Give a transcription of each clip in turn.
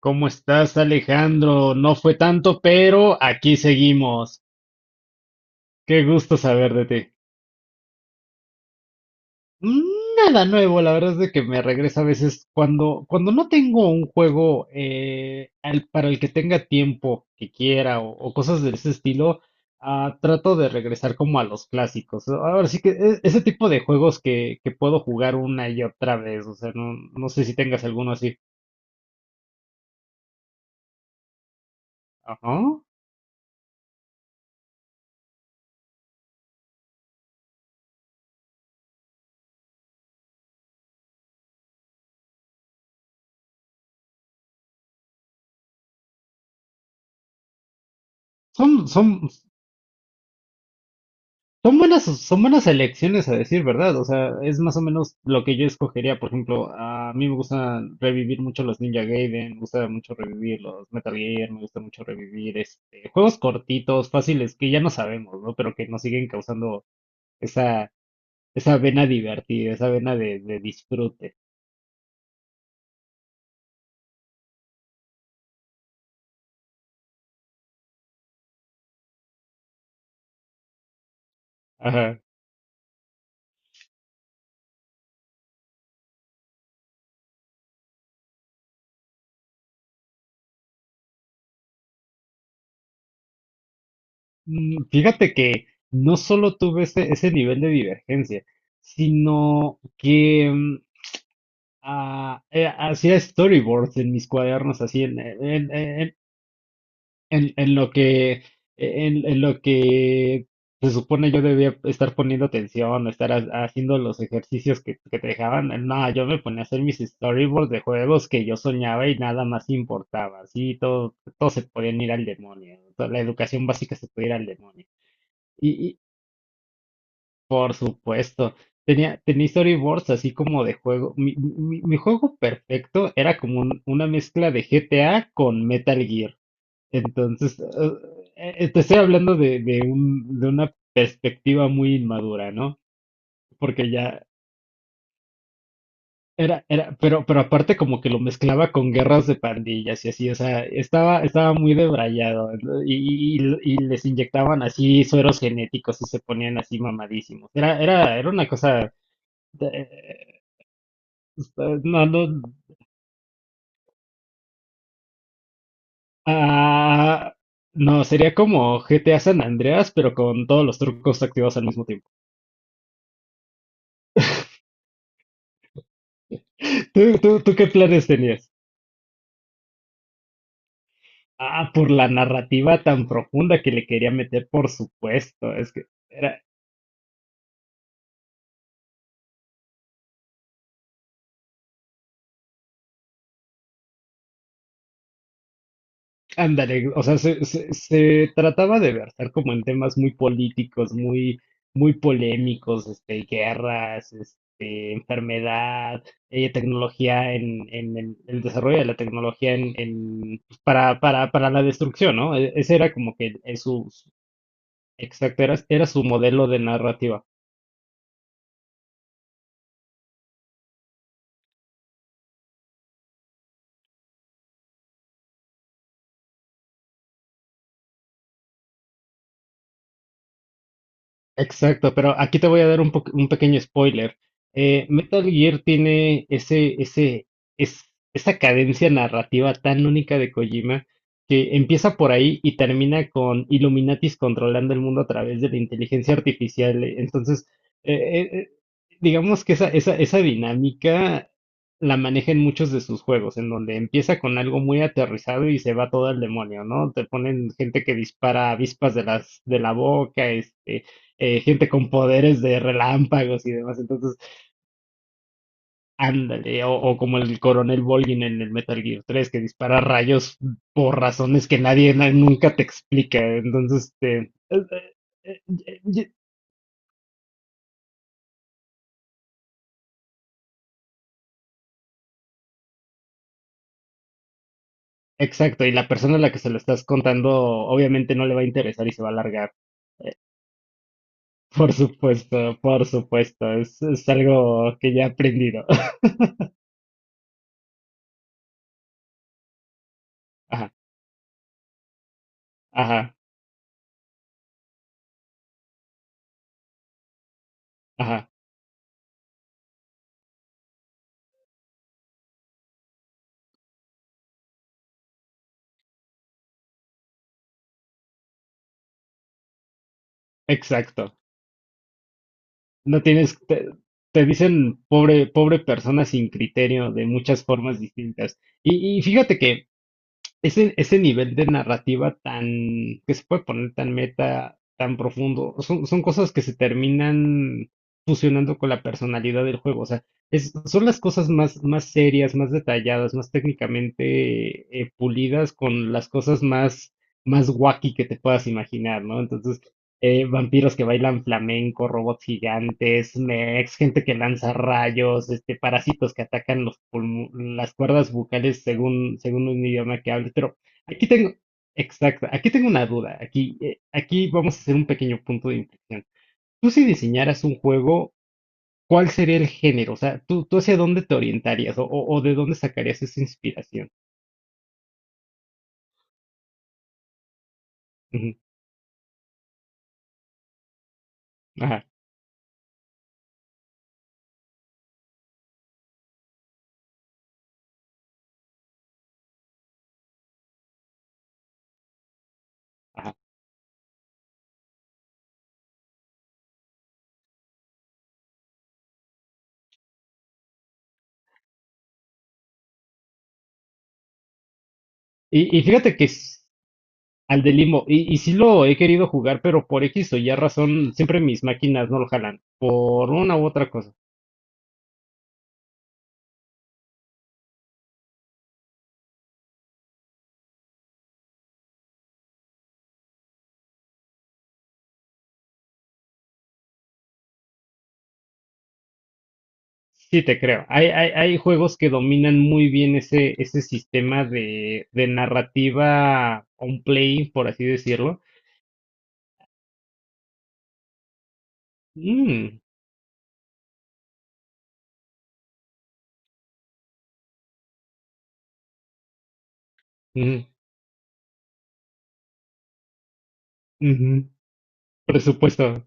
¿Cómo estás, Alejandro? No fue tanto, pero aquí seguimos. Qué gusto saber de ti. Mm, Nada nuevo, la verdad es de que me regresa a veces cuando no tengo un juego para el que tenga tiempo que quiera o cosas de ese estilo, trato de regresar como a los clásicos. Ahora sí que ese tipo de juegos que puedo jugar una y otra vez, o sea, no, no sé si tengas alguno así. Ajá. Son, son, son buenas elecciones a decir verdad, o sea, es más o menos lo que yo escogería. Por ejemplo, a mí me gusta revivir mucho los Ninja Gaiden, me gusta mucho revivir los Metal Gear, me gusta mucho revivir este, juegos cortitos, fáciles, que ya no sabemos, ¿no? Pero que nos siguen causando esa, esa vena divertida, esa vena de disfrute. Ajá. Fíjate que no solo tuve ese nivel de divergencia, sino que hacía storyboards en mis cuadernos, así en lo que, en lo que se supone yo debía estar poniendo atención, estar haciendo los ejercicios que te dejaban. No, yo me ponía a hacer mis storyboards de juegos que yo soñaba y nada más importaba. Así todo, todo se podían ir al demonio. Toda la educación básica se podía ir al demonio. Por supuesto. Tenía storyboards así como de juego. Mi juego perfecto era como una mezcla de GTA con Metal Gear. Entonces, te estoy hablando de un, de una perspectiva muy inmadura, ¿no? Porque ya pero aparte como que lo mezclaba con guerras de pandillas y así, o sea, estaba muy debrayado, ¿no? Y y- les inyectaban así sueros genéticos y se ponían así mamadísimos. Era una cosa. eh, No, no. ah, no, sería como GTA San Andreas, pero con todos los trucos activados al mismo tiempo. ¿ Tú, ¿qué planes tenías? Ah, por la narrativa tan profunda que le quería meter, por supuesto. Era, Ándale, o sea, se trataba de versar como en temas muy políticos, muy polémicos, este, guerras, este, enfermedad, tecnología en el desarrollo de la tecnología pues, para la destrucción, ¿no? Ese era como que exacto, era su modelo de narrativa. Exacto, pero aquí te voy a dar un pequeño spoiler. Metal Gear tiene es, esa cadencia narrativa tan única de Kojima que empieza por ahí y termina con Illuminatis controlando el mundo a través de la inteligencia artificial. Entonces, eh, eh, eh, digamos que esa dinámica la maneja en muchos de sus juegos, en donde empieza con algo muy aterrizado y se va todo al demonio, ¿no? Te ponen gente que dispara avispas de la boca, este gente con poderes de relámpagos y demás. Entonces, ándale, como el coronel Volgin en el Metal Gear 3, que dispara rayos por razones que nadie na- nunca te explica. Entonces, te... Exacto, y la persona a la que se lo estás contando obviamente no le va a interesar y se va a largar. Por supuesto, es algo que ya he aprendido. Ajá, ajá, ajá, exacto. No tienes, te dicen pobre, pobre persona sin criterio de muchas formas distintas. Y fíjate que ese nivel de narrativa tan, que se puede poner tan meta, tan profundo, son cosas que se terminan fusionando con la personalidad del juego. O sea, son las cosas más, más serias, más detalladas, más técnicamente pulidas con las cosas más wacky que te puedas imaginar, ¿no? Entonces, vampiros que bailan flamenco, robots gigantes, mechs, gente que lanza rayos, este, parásitos que atacan las cuerdas bucales según, según un idioma que hables. Pero aquí tengo, exacto, aquí tengo una duda. Aquí, aquí vamos a hacer un pequeño punto de inflexión. Tú, si diseñaras un juego, ¿cuál sería el género? O sea, tú hacia dónde te orientarías o de dónde sacarías esa inspiración? Ujú, ajá, ajá. Y fíjate que al de Limbo. Y y sí lo he querido jugar, pero por X o Y razón, siempre mis máquinas no lo jalan. Por una u otra cosa. Sí, te creo. Hay juegos que dominan muy bien ese sistema de narrativa on play, por así decirlo. Mm, mm, ujú. Presupuesto.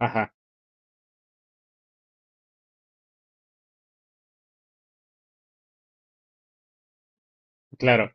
Ajá, claro.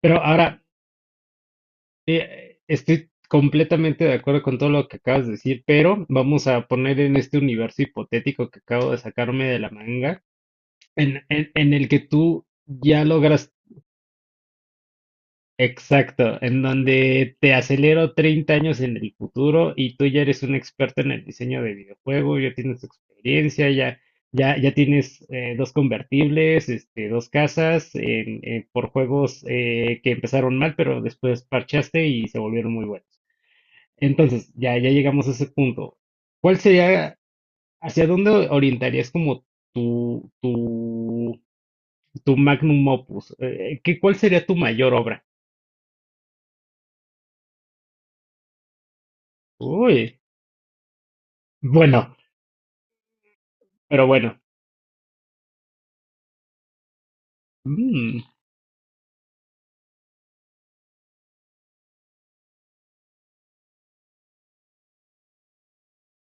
Pero ahora, estoy completamente de acuerdo con todo lo que acabas de decir, pero vamos a poner en este universo hipotético que acabo de sacarme de la manga en el que tú ya logras, exacto, en donde te acelero 30 años en el futuro y tú ya eres un experto en el diseño de videojuegos, ya tienes experiencia, ya tienes dos convertibles, este, dos casas por juegos que empezaron mal, pero después parchaste y se volvieron muy buenos. Entonces, ya llegamos a ese punto. ¿Cuál sería, hacia dónde orientarías como tu tu magnum opus? Eh, ¿qué, cuál sería tu mayor obra? Uy, bueno, pero bueno. Mm,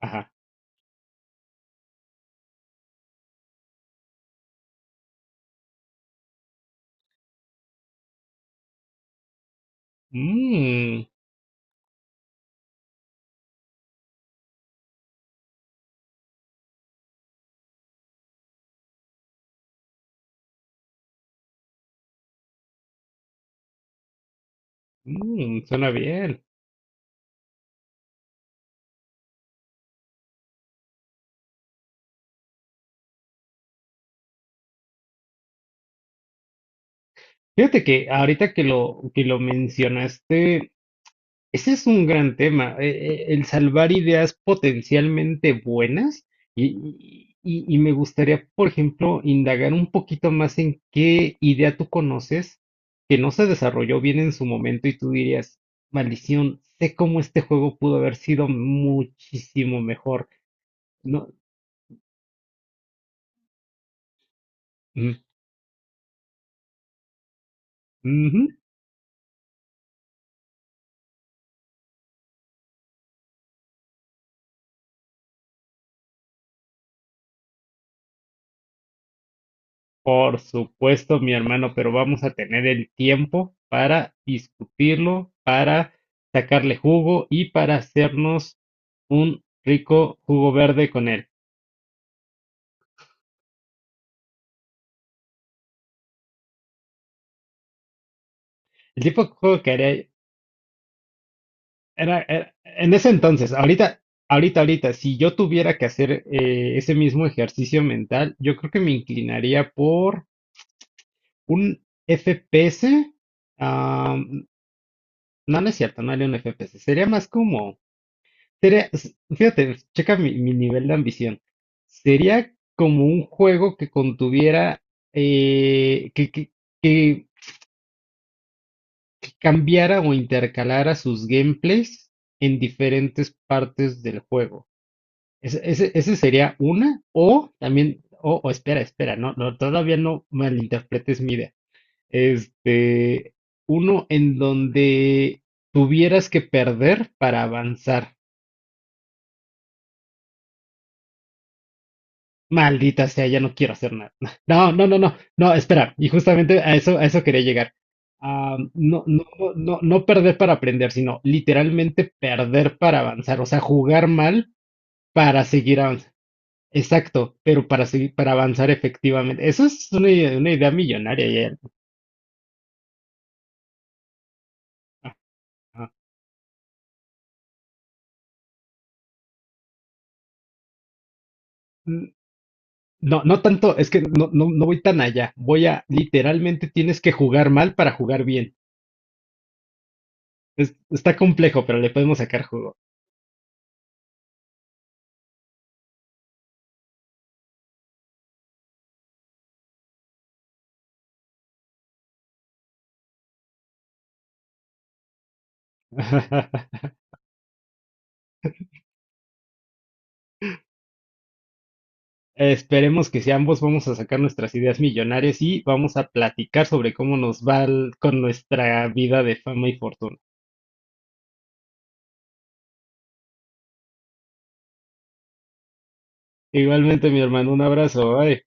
ajá. Mm, mm, suena bien. Fíjate que ahorita que que lo mencionaste, ese es un gran tema. El salvar ideas potencialmente buenas y me gustaría, por ejemplo, indagar un poquito más en qué idea tú conoces que no se desarrolló bien en su momento y tú dirías, maldición, sé cómo este juego pudo haber sido muchísimo mejor. No, mm, ujú. Por supuesto, mi hermano, pero vamos a tener el tiempo para discutirlo, para sacarle jugo y para hacernos un rico jugo verde con él. El tipo de juego que haría en ese entonces, ahorita, si yo tuviera que hacer ese mismo ejercicio mental, yo creo que me inclinaría por un FPS. ah, no, no es cierto, no haría un FPS, sería más como fíjate, checa mi, mi nivel de ambición. Sería como un juego que contuviera, eh, que, que, que- que cambiara o intercalara sus gameplays en diferentes partes del juego. Ese sería una, o también, o espera, espera, no, no, todavía no malinterpretes mi idea. Este, uno en donde tuvieras que perder para avanzar. Maldita sea, ya no quiero hacer nada. No, no, no, no, no, espera. Y justamente a eso quería llegar. Ah, no, no, no, no, no perder para aprender, sino literalmente perder para avanzar. O sea, jugar mal para seguir avanzando. Exacto, pero para seguir, para avanzar efectivamente. Eso es una idea millonaria. Ya. Ajá. Mm, No, no tanto, es que no, no, no voy tan allá. Literalmente tienes que jugar mal para jugar bien. Está complejo, pero le podemos sacar jugo. Esperemos que si ambos vamos a sacar nuestras ideas millonarias y vamos a platicar sobre cómo nos va con nuestra vida de fama y fortuna. Igualmente, mi hermano, un abrazo. Bye.